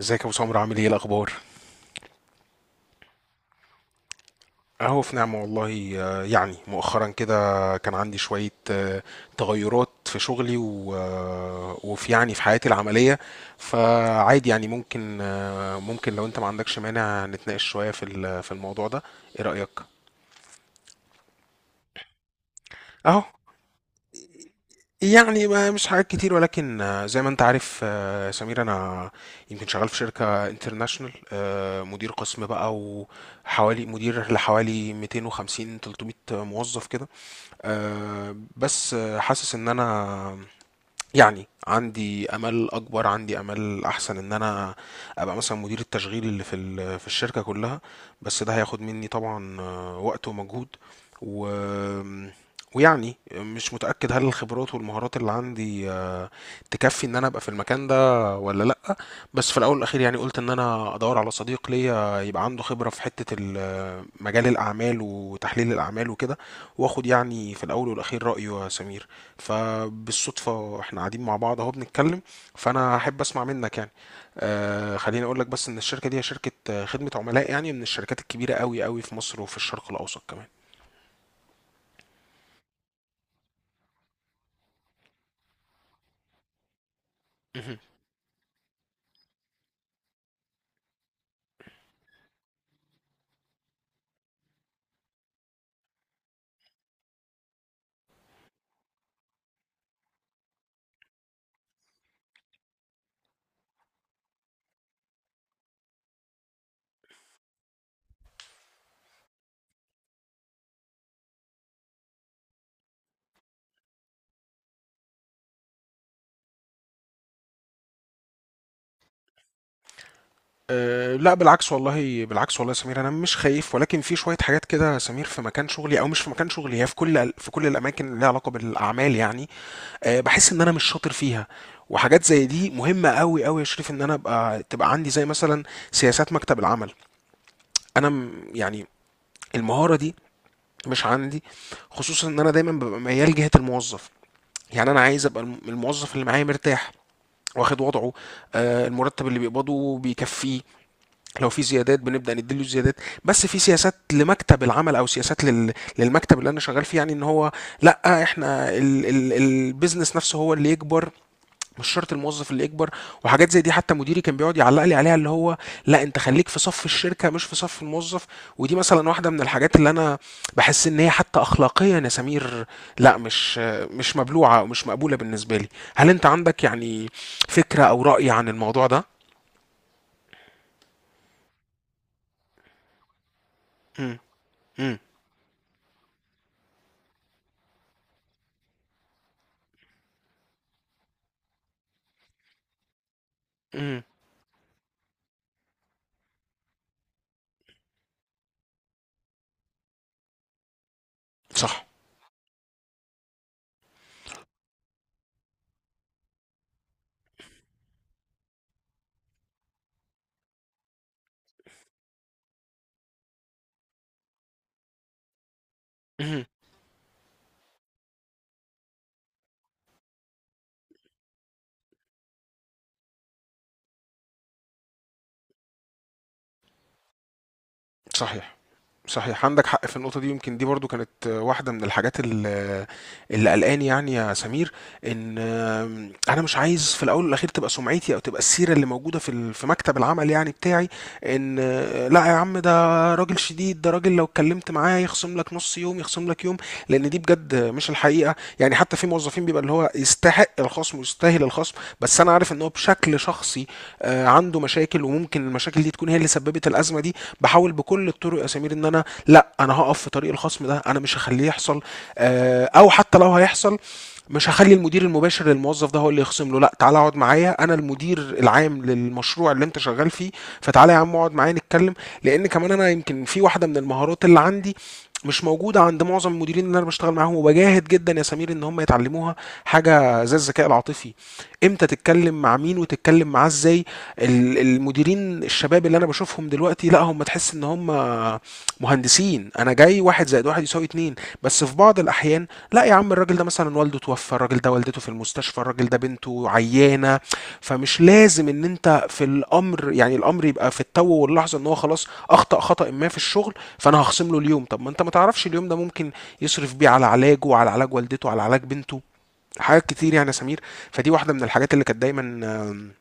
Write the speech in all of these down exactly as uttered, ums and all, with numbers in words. ازيك يا ابو سمر، عامل ايه الاخبار؟ اهو في نعمه والله، آه، يعني مؤخرا كده كان عندي شويه، آه، تغيرات في شغلي و- آه، وفي يعني في حياتي العمليه. فعادي يعني ممكن آه، ممكن لو انت ما عندكش مانع نتناقش شويه في ال- في الموضوع ده. ايه رايك؟ اهو يعني ما مش حاجات كتير، ولكن آه، زي ما انت عارف، آه، سمير، انا يمكن شغال في شركة انترناشونال، مدير قسم بقى، وحوالي مدير لحوالي ميتين وخمسين تلت ميه موظف كده. آه، بس آه، حاسس ان انا يعني عندي امل اكبر، عندي امل احسن ان انا ابقى مثلا مدير التشغيل اللي في ال- في الشركه كلها. بس ده هياخد مني طبعا آه، وقت ومجهود، و ويعني مش متاكد هل الخبرات والمهارات اللي عندي آه، تكفي ان انا ابقى في المكان ده ولا لا. بس في الاول والاخير يعني قلت ان انا ادور على صديق ليا يبقى عنده خبره في حته ال- مجال الاعمال وتحليل الاعمال وكده، واخد يعني في الاول والاخير رايه، يا سمير. فبالصدفة احنا قاعدين مع بعض اهو بنتكلم، فانا احب اسمع منك يعني. آه خليني اقول لك بس ان الشركة دي هي شركة آه، خدمة عملاء، يعني من الشركات الكبيرة قوي قوي في مصر وفي الشرق الاوسط كمان. مهم. أه، لا، بالعكس والله، بالعكس والله يا سمير، انا مش خايف، ولكن في شويه حاجات كده يا سمير في مكان شغلي او مش في مكان شغلي، هي في كل في كل الاماكن اللي ليها علاقه بالاعمال، يعني. أه، بحس ان انا مش شاطر فيها. وحاجات زي دي مهمه قوي قوي يا شريف، ان انا ابقى تبقى عندي زي مثلا سياسات مكتب العمل. انا م- يعني المهارة دي مش عندي، خصوصا ان انا دايما ببقى ميال جهة الموظف. يعني انا عايز ابقى الم- الموظف اللي معايا مرتاح، واخد وضعه، آه، المرتب اللي بيقبضه بيكفيه، لو في زيادات بنبدأ نديله زيادات. بس في سياسات لمكتب العمل او سياسات لل... للمكتب اللي انا شغال فيه، يعني ان هو لا، احنا ال... ال... البيزنس نفسه هو اللي يكبر، مش شرط الموظف اللي يكبر. وحاجات زي دي حتى مديري كان بيقعد يعلق لي عليها، اللي هو: لا، انت خليك في صف الشركه مش في صف الموظف. ودي مثلا واحده من الحاجات اللي انا بحس ان هي حتى اخلاقيا يا سمير، لا، مش مش مبلوعه او مش مقبوله بالنسبه لي. هل انت عندك يعني فكره او راي عن الموضوع ده؟ امم. امم. امم. صح. امم. صحيح. صحيح، عندك حق في النقطة دي، يمكن دي برضو كانت واحدة من الحاجات اللي اللي قلقاني يعني يا سمير، ان انا مش عايز في الاول والاخير تبقى سمعتي او تبقى السيرة اللي موجودة في ال- في مكتب العمل يعني بتاعي، ان لا يا عم، ده راجل شديد، ده راجل لو اتكلمت معاه يخصم لك نص يوم، يخصم لك يوم. لان دي بجد مش الحقيقة، يعني حتى في موظفين بيبقى اللي هو يستحق الخصم ويستاهل الخصم. بس انا عارف ان هو بشكل شخصي آه، عنده مشاكل، وممكن المشاكل دي تكون هي اللي سببت الأزمة دي. بحاول بكل الطرق يا سمير ان انا، لا، انا هقف في طريق الخصم ده، انا مش هخليه يحصل. آه، او حتى لو هيحصل، مش هخلي المدير المباشر للموظف ده هو اللي يخصم له. لا، تعالى اقعد معايا، انا المدير العام للمشروع اللي انت شغال فيه. فتعالى يا عم اقعد معايا نتكلم. لان كمان انا يمكن في واحده من المهارات اللي عندي مش موجوده عند معظم المديرين اللي انا بشتغل معاهم، وبجاهد جدا يا سمير ان هم يتعلموها. حاجه زي الذكاء العاطفي، امتى تتكلم مع مين وتتكلم معاه ازاي. ال- المديرين الشباب اللي انا بشوفهم دلوقتي، لا، هم تحس ان هم مهندسين، انا جاي واحد زائد واحد يساوي اتنين. بس في بعض الاحيان، لا يا عم، الراجل ده مثلا والده توفى، الراجل ده والدته في المستشفى، الراجل ده بنته عيانه. فمش لازم ان انت في الامر، يعني الامر يبقى في التو واللحظه ان هو خلاص اخطا خطا ما في الشغل فانا هخصم له اليوم. طب ما انت ما تعرفش اليوم ده ممكن يصرف بيه على علاجه وعلى علاج والدته وعلى علاج بنته. حاجات كتير يعني يا سمير. فدي واحده من الحاجات اللي كانت دايما، آم،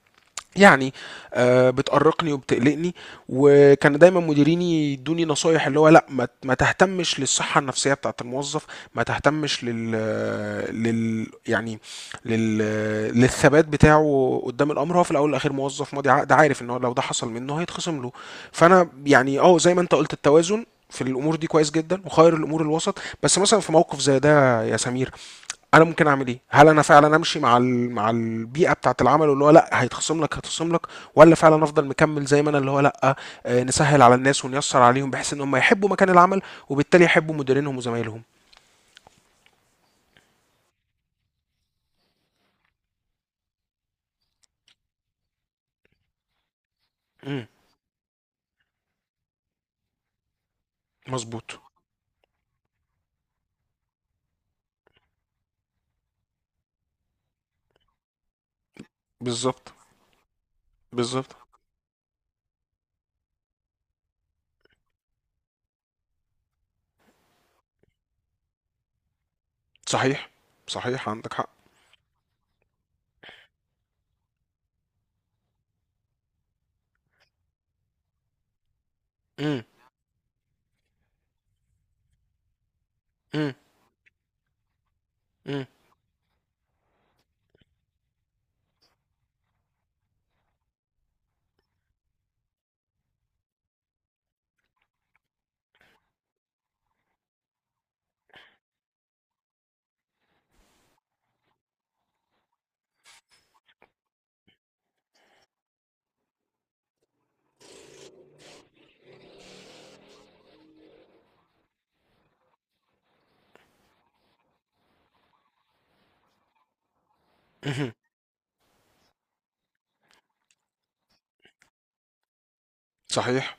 يعني، آه، بتقرقني وبتقلقني. وكان دايما مديريني يدوني نصايح، اللي هو: لا، ما ما تهتمش للصحة النفسية بتاعة الموظف، ما تهتمش لل لل يعني لل للثبات بتاعه قدام الامر، هو في الاول والاخير موظف ماضي عقد، عارف ان هو لو ده حصل منه هيتخصم له. فانا يعني اه زي ما انت قلت: التوازن في الامور دي كويس جدا، وخير الامور الوسط. بس مثلا في موقف زي ده يا سمير انا ممكن اعمل ايه؟ هل انا فعلا امشي مع ال... مع البيئه بتاعه العمل اللي هو لا، هيتخصم لك هيتخصم لك، ولا فعلا افضل مكمل زي ما انا اللي هو لا، آه، نسهل على الناس ونيسر عليهم بحيث ان هم يحبوا مكان العمل، وبالتالي يحبوا مديرينهم وزمايلهم. امم. مظبوط. بالظبط. بالظبط. صحيح. صحيح، عندك حق. امم. امم. امم. صحيح.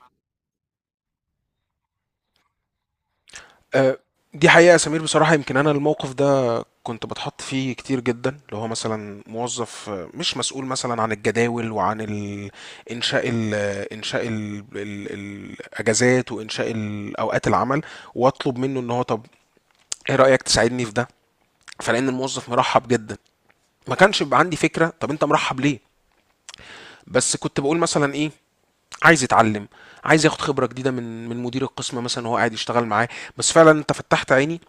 آه، دي حقيقة يا سمير، بصراحة يمكن أنا الموقف ده كنت باتحط فيه كتير جدا، اللي هو مثلا موظف مش مسؤول مثلا عن الجداول وعن ال- انشاء ال انشاء ال ال الاجازات، وانشاء ال- اوقات العمل، واطلب منه ان هو: طب، ايه رايك تساعدني في ده؟ فلان الموظف مرحب جدا، ما كانش بيبقى عندي فكره طب انت مرحب ليه. بس كنت بقول مثلا ايه، عايز يتعلم، عايز ياخد خبره جديده من من مدير القسم مثلا وهو قاعد يشتغل معاه. بس فعلا انت فتحت عيني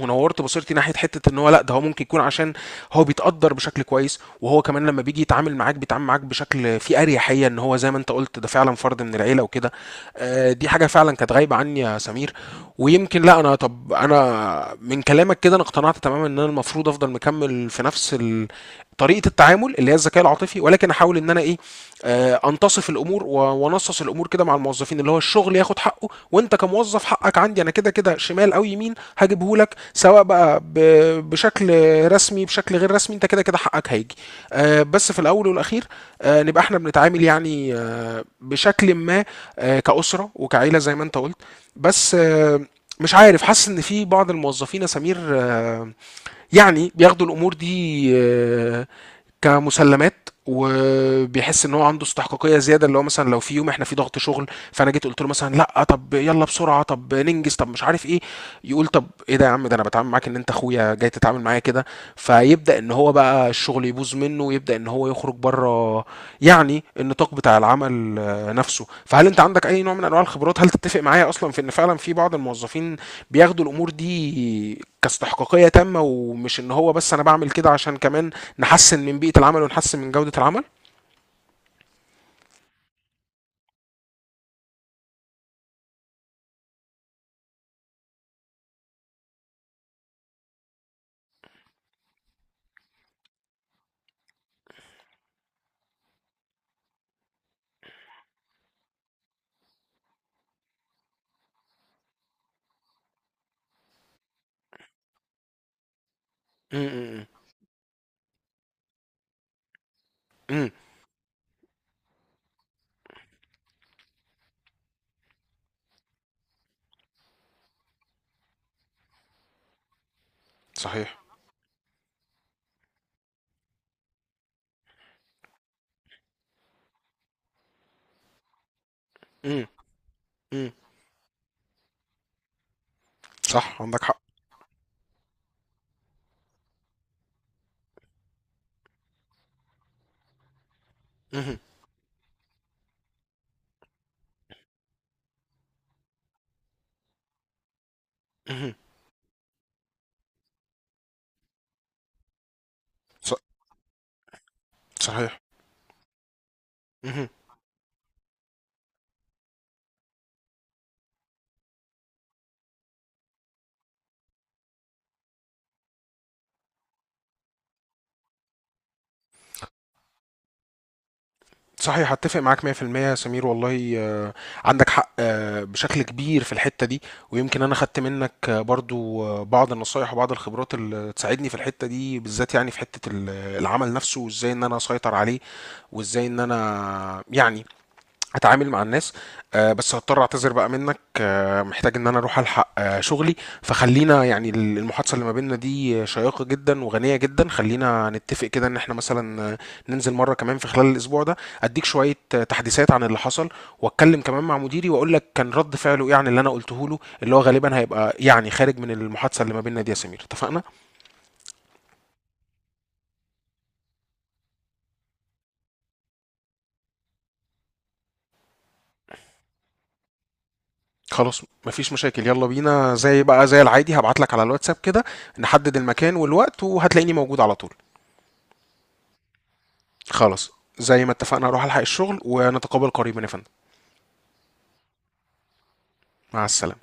ونورت بصيرتي ناحيه حته ان هو، لا، ده هو ممكن يكون عشان هو بيتقدر بشكل كويس، وهو كمان لما بيجي يتعامل معاك بيتعامل معاك بشكل فيه اريحيه، ان هو زي ما انت قلت ده فعلا فرد من العيله وكده. آه، دي حاجه فعلا كانت غايبه عني يا سمير. ويمكن، لا، انا، طب انا من كلامك كده انا اقتنعت تماما ان انا المفروض افضل مكمل في نفس ال... طريقه التعامل اللي هي الذكاء العاطفي، ولكن احاول ان انا ايه، آه، انتصف الامور و- وانصص الامور كده مع الموظفين، اللي هو الشغل ياخد حقه وانت كموظف حقك عندي، انا كده كده شمال او يمين هجيبه لك، سواء بقى ب- بشكل رسمي بشكل غير رسمي، انت كده كده حقك هيجي. آه، بس في الاول والاخير آه، نبقى احنا بنتعامل يعني آه، بشكل ما، آه، كأسرة وكعيلة زي ما انت قلت. بس آه، مش عارف، حاسس ان في بعض الموظفين يا سمير آه، يعني بياخدوا الامور دي آه، كمسلمات، وبيحس ان هو عنده استحقاقيه زياده، اللي هو مثلا لو في يوم احنا في ضغط شغل فانا جيت قلت له مثلا: لا طب يلا بسرعه، طب ننجز، طب مش عارف ايه. يقول: طب ايه ده يا عم، ده انا بتعامل معاك ان انت اخويا، جاي تتعامل معايا كده؟ فيبدا ان هو بقى الشغل يبوظ منه، ويبدا ان هو يخرج بره، يعني النطاق بتاع العمل آه، نفسه. فهل انت عندك اي نوع من انواع الخبرات؟ هل تتفق معايا اصلا في ان فعلا في بعض الموظفين بياخدوا الامور دي كاستحقاقيه تامه، ومش ان هو بس انا بعمل كده عشان كمان نحسن من بيئه العمل ونحسن من جوده العمل؟ امم. امم. صحيح. امم. صح، عندك حق. امم. صحيح. مم. صحيح، هتفق معاك مية في المية يا سمير والله. آه، عندك حق آه، بشكل كبير في الحتة دي. ويمكن أنا خدت منك آه، برضو آه، بعض النصايح وبعض الخبرات اللي تساعدني في الحتة دي بالذات، يعني في حتة ال- العمل نفسه، وإزاي إن أنا أسيطر عليه، وإزاي إن أنا يعني اتعامل مع الناس. آه، بس هضطر اعتذر بقى منك، آه، محتاج ان انا اروح الحق آه، شغلي. فخلينا يعني ال- المحادثه اللي ما بيننا دي شيقه جدا وغنيه جدا، خلينا نتفق كده ان احنا مثلا آه، ننزل مره كمان في خلال الاسبوع ده، اديك شويه آه، تحديثات عن اللي حصل، واتكلم كمان مع مديري واقول لك كان رد فعله ايه عن اللي انا قلته له، اللي هو غالبا هيبقى يعني خارج من المحادثه اللي ما بيننا دي يا سمير. اتفقنا؟ خلاص، مفيش مشاكل، يلا بينا، زي بقى زي العادي هبعت لك على الواتساب كده، نحدد المكان والوقت، وهتلاقيني موجود على طول. خلاص، زي ما اتفقنا هروح الحق الشغل، ونتقابل قريبا يا فندم. مع السلامة.